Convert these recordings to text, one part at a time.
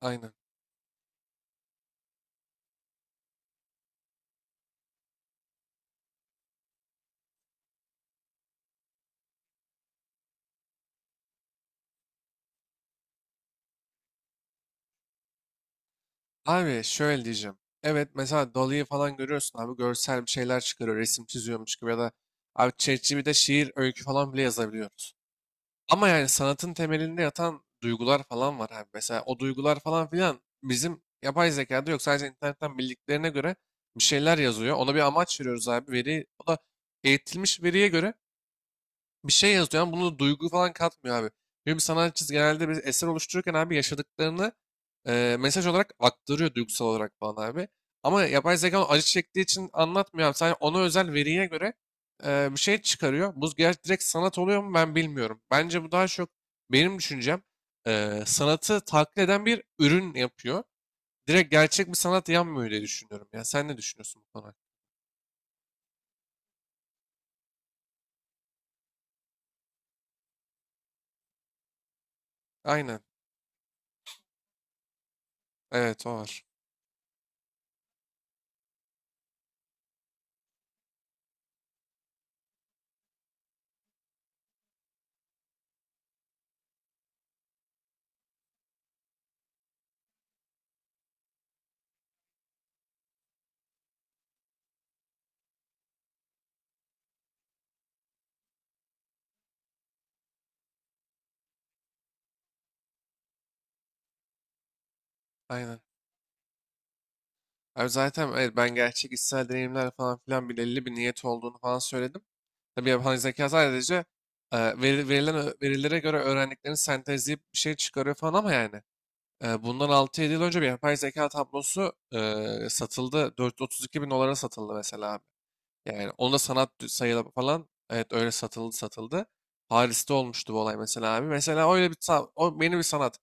Aynen. Abi şöyle diyeceğim. Evet mesela Dali'yi falan görüyorsun abi görsel bir şeyler çıkarıyor resim çiziyormuş gibi ya da abi ChatGPT'de şiir öykü falan bile yazabiliyoruz. Ama yani sanatın temelinde yatan duygular falan var abi. Mesela o duygular falan filan bizim yapay zekada yok. Sadece internetten bildiklerine göre bir şeyler yazıyor. Ona bir amaç veriyoruz abi. O da eğitilmiş veriye göre bir şey yazıyor ama bunu duygu falan katmıyor abi. Çünkü bir sanatçı genelde bir eser oluştururken abi yaşadıklarını mesaj olarak aktarıyor duygusal olarak falan abi. Ama yapay zeka onu acı çektiği için anlatmıyor abi. Sadece ona özel veriye göre bir şey çıkarıyor. Bu gerçi direkt sanat oluyor mu ben bilmiyorum. Bence bu daha çok benim düşüncem sanatı taklit eden bir ürün yapıyor. Direkt gerçek bir sanat yanmıyor diye düşünüyorum. Ya sen ne düşünüyorsun bu konu hakkında? Aynen. Evet o var. Aynen. Abi zaten evet, ben gerçek içsel deneyimler falan filan belirli bir niyet olduğunu falan söyledim. Tabii yapay zeka sadece verilen verilere göre öğrendiklerini sentezleyip bir şey çıkarıyor falan ama yani Bundan altı yedi yıl önce bir yapay zeka tablosu satıldı. 432 bin dolara satıldı mesela abi. Yani onu da sanat sayılı falan evet öyle satıldı satıldı. Paris'te olmuştu bu olay mesela abi. Mesela öyle bir o yeni bir sanat.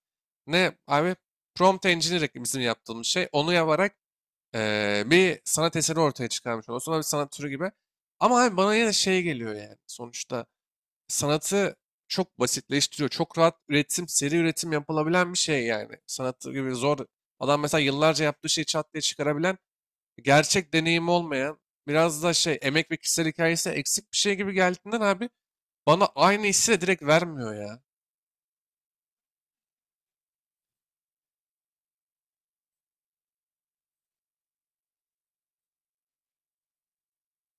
Ne abi? Prompt engineering bizim yaptığımız şey. Onu yaparak bir sanat eseri ortaya çıkarmış oluyorsun. Sonra bir sanat türü gibi. Ama abi bana yine şey geliyor yani. Sonuçta sanatı çok basitleştiriyor. Çok rahat üretim, seri üretim yapılabilen bir şey yani. Sanatı gibi zor. Adam mesela yıllarca yaptığı şeyi çat diye çıkarabilen, gerçek deneyimi olmayan, biraz da şey emek ve kişisel hikayesi eksik bir şey gibi geldiğinden abi bana aynı hissi de direkt vermiyor ya.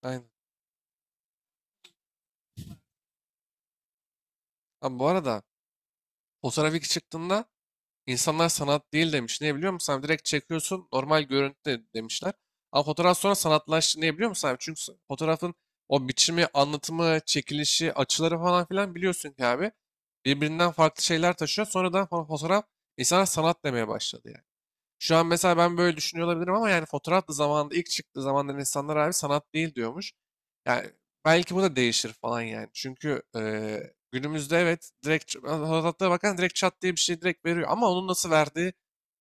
Aynen. Abi bu arada fotoğraf ilk çıktığında İnsanlar sanat değil demiş. Ne biliyor musun abi? Direkt çekiyorsun normal görüntü demişler. Ama fotoğraf sonra sanatlaştı. Ne biliyor musun abi? Çünkü fotoğrafın o biçimi, anlatımı, çekilişi, açıları falan filan biliyorsun ki abi. Birbirinden farklı şeyler taşıyor. Sonradan fotoğraf insanlar sanat demeye başladı yani. Şu an mesela ben böyle düşünüyor olabilirim ama yani fotoğraf da zamanında ilk çıktığı zamanlar insanlar abi sanat değil diyormuş. Yani belki bu da değişir falan yani. Çünkü günümüzde evet direkt fotoğraflara bakan direkt çat diye bir şey direkt veriyor ama onun nasıl verdiği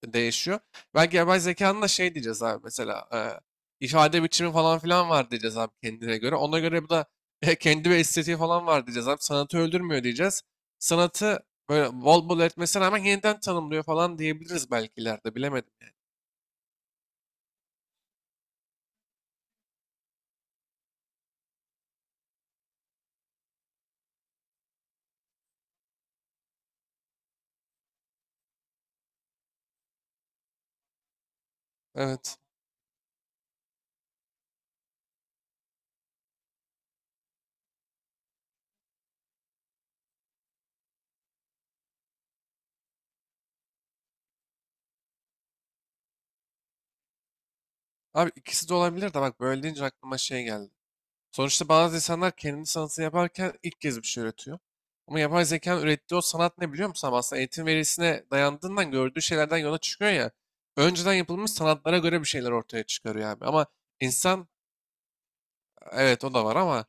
değişiyor. Belki yapay zekanın da şey diyeceğiz abi mesela ifade biçimi falan filan var diyeceğiz abi kendine göre. Ona göre bu da kendi bir estetiği falan var diyeceğiz abi. Sanatı öldürmüyor diyeceğiz. Sanatı böyle bol bol etmesine rağmen yeniden tanımlıyor falan diyebiliriz belki ileride bilemedim. Evet. Abi ikisi de olabilir de bak böyle deyince aklıma şey geldi. Sonuçta bazı insanlar kendi sanatını yaparken ilk kez bir şey üretiyor. Ama yapay zekanın ürettiği o sanat ne biliyor musun? Abi aslında eğitim verisine dayandığından gördüğü şeylerden yola çıkıyor ya. Önceden yapılmış sanatlara göre bir şeyler ortaya çıkarıyor abi. Ama insan evet o da var ama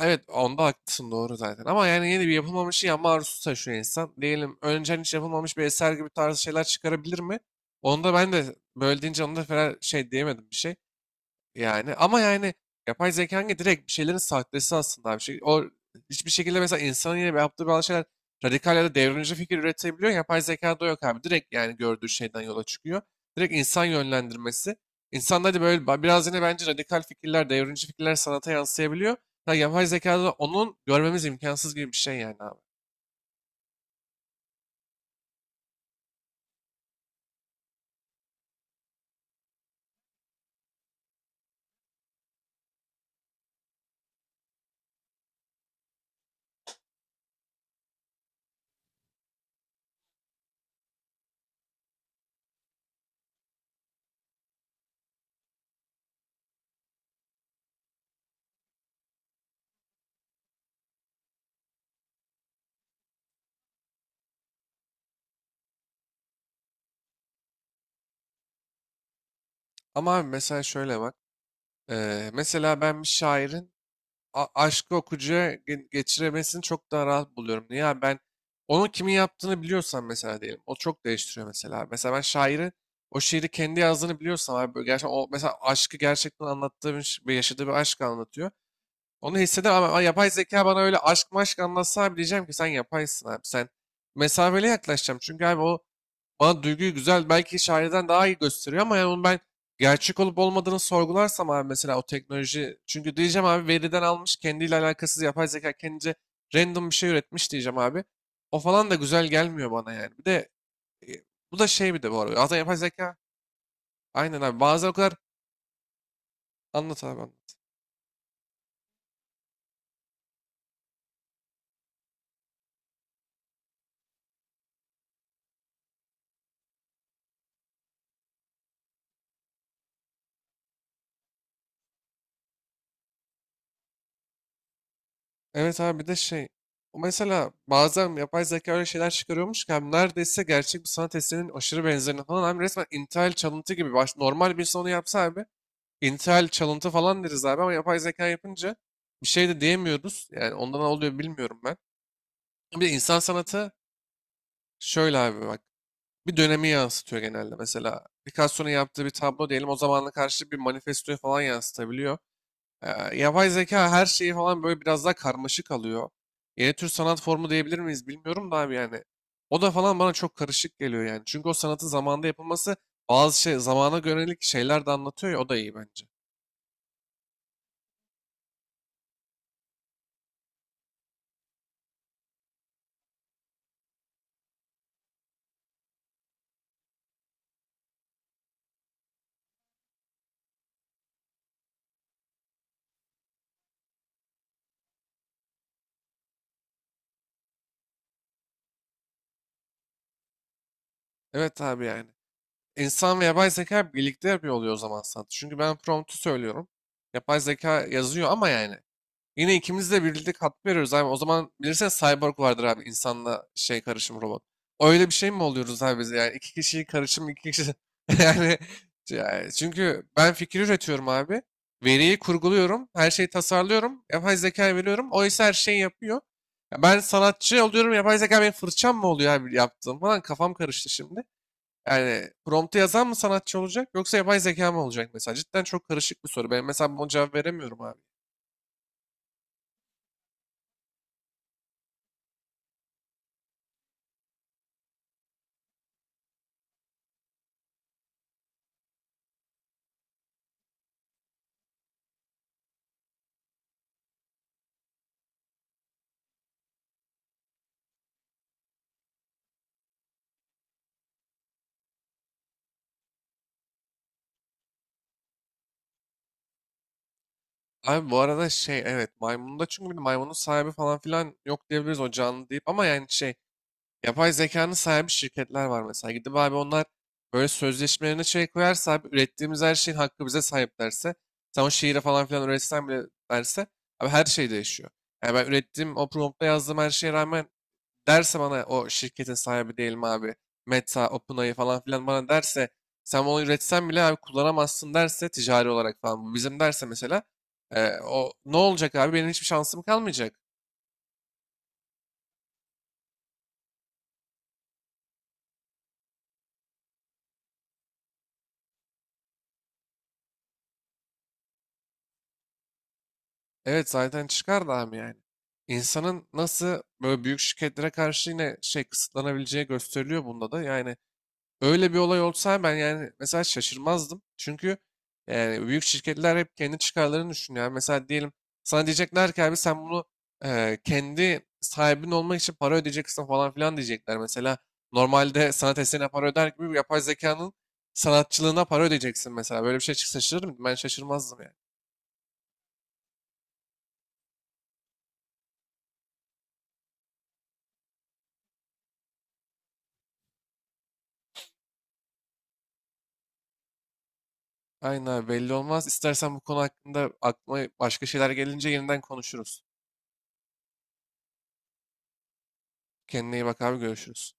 evet onda haklısın doğru zaten. Ama yani yeni bir yapılmamışı yapma arzusu taşıyor insan. Diyelim önceden hiç yapılmamış bir eser gibi tarzı şeyler çıkarabilir mi? Onda ben de böyle deyince onda falan şey diyemedim bir şey. Yani ama yani yapay zeka hangi direkt bir şeylerin sahtesi aslında abi. Şey, o hiçbir şekilde mesela insanın yine yaptığı bazı şeyler radikal ya da devrimci fikir üretebiliyor. Yapay zekada yok abi. Direkt yani gördüğü şeyden yola çıkıyor. Direkt insan yönlendirmesi. İnsan hadi böyle biraz yine bence radikal fikirler, devrimci fikirler sanata yansıyabiliyor. Ya yapay zekada da onun görmemiz imkansız gibi bir şey yani abi. Ama abi mesela şöyle bak. Mesela ben bir şairin aşkı okuyucuya geçiremesini çok daha rahat buluyorum. Niye abi ben onun kimin yaptığını biliyorsam mesela diyelim. O çok değiştiriyor mesela. Mesela ben şairi o şiiri kendi yazdığını biliyorsam abi böyle gerçekten o mesela aşkı gerçekten anlattığı bir yaşadığı bir aşk anlatıyor. Onu hissedemem ama yapay zeka bana öyle aşk maşk anlatsa abi diyeceğim ki sen yapaysın abi. Sen mesafeli yaklaşacağım. Çünkü abi o bana duyguyu güzel belki şairden daha iyi gösteriyor ama yani onu ben gerçek olup olmadığını sorgularsam abi mesela o teknoloji çünkü diyeceğim abi veriden almış kendiyle alakasız yapay zeka kendince random bir şey üretmiş diyeceğim abi. O falan da güzel gelmiyor bana yani. Bir de e, bu da şey bir de bu arada zaten yapay zeka aynen abi bazen o kadar anlat abi anlat. Evet abi bir de şey o mesela bazen yapay zeka öyle şeyler çıkarıyormuş ki abi neredeyse gerçek bir sanat eserinin aşırı benzerini falan abi resmen intihal çalıntı gibi normal bir insan onu yapsa abi intihal çalıntı falan deriz abi ama yapay zeka yapınca bir şey de diyemiyoruz yani ondan ne oluyor bilmiyorum ben. Bir de insan sanatı şöyle abi bak bir dönemi yansıtıyor genelde mesela Picasso'nun yaptığı bir tablo diyelim o zamanla karşı bir manifestoyu falan yansıtabiliyor. Ee, yapay zeka her şeyi falan böyle biraz daha karmaşık alıyor. Yeni tür sanat formu diyebilir miyiz bilmiyorum da abi yani. O da falan bana çok karışık geliyor yani. Çünkü o sanatın zamanda yapılması bazı şey zamana yönelik şeyler de anlatıyor ya o da iyi bence. Evet abi yani. İnsan ve yapay zeka birlikte yapıyor oluyor o zaman sanat. Çünkü ben promptu söylüyorum. Yapay zeka yazıyor ama yani. Yine ikimiz de birlikte katkı veriyoruz abi. O zaman bilirsen cyborg vardır abi. İnsanla şey karışım robot. Öyle bir şey mi oluyoruz abi biz? Yani iki kişiyi karışım iki kişi. yani, yani, çünkü ben fikir üretiyorum abi. Veriyi kurguluyorum. Her şeyi tasarlıyorum. Yapay zekaya veriyorum. O ise her şeyi yapıyor. Ya ben sanatçı oluyorum. Yapay zeka benim fırçam mı oluyor abi yaptığım falan. Kafam karıştı şimdi. Yani promptu yazan mı sanatçı olacak yoksa yapay zeka mı olacak mesela? Cidden çok karışık bir soru. Ben mesela buna cevap veremiyorum abi. Abi bu arada şey evet maymunda çünkü bir de maymunun sahibi falan filan yok diyebiliriz o canlı deyip ama yani şey yapay zekanın sahibi şirketler var mesela gidip abi onlar böyle sözleşmelerine şey koyarsa abi ürettiğimiz her şeyin hakkı bize sahip derse sen o şiiri falan filan üretsen bile derse abi her şey değişiyor. Yani ben ürettiğim o prompta yazdığım her şeye rağmen derse bana o şirketin sahibi diyelim abi Meta, OpenAI falan filan bana derse sen onu üretsen bile abi kullanamazsın derse ticari olarak falan bu bizim derse mesela o ne olacak abi benim hiçbir şansım kalmayacak. Evet zaten çıkar da abi yani. İnsanın nasıl böyle büyük şirketlere karşı yine şey kısıtlanabileceği gösteriliyor bunda da yani. Öyle bir olay olsa ben yani mesela şaşırmazdım. Çünkü yani büyük şirketler hep kendi çıkarlarını düşünüyor. Yani mesela diyelim sana diyecekler ki abi sen bunu kendi sahibin olmak için para ödeyeceksin falan filan diyecekler. Mesela normalde sanat eserine para öder gibi yapay zekanın sanatçılığına para ödeyeceksin mesela. Böyle bir şey çıksa şaşırır mıydım? Ben şaşırmazdım yani. Aynen abi, belli olmaz. İstersen bu konu hakkında aklıma başka şeyler gelince yeniden konuşuruz. Kendine iyi bak abi görüşürüz.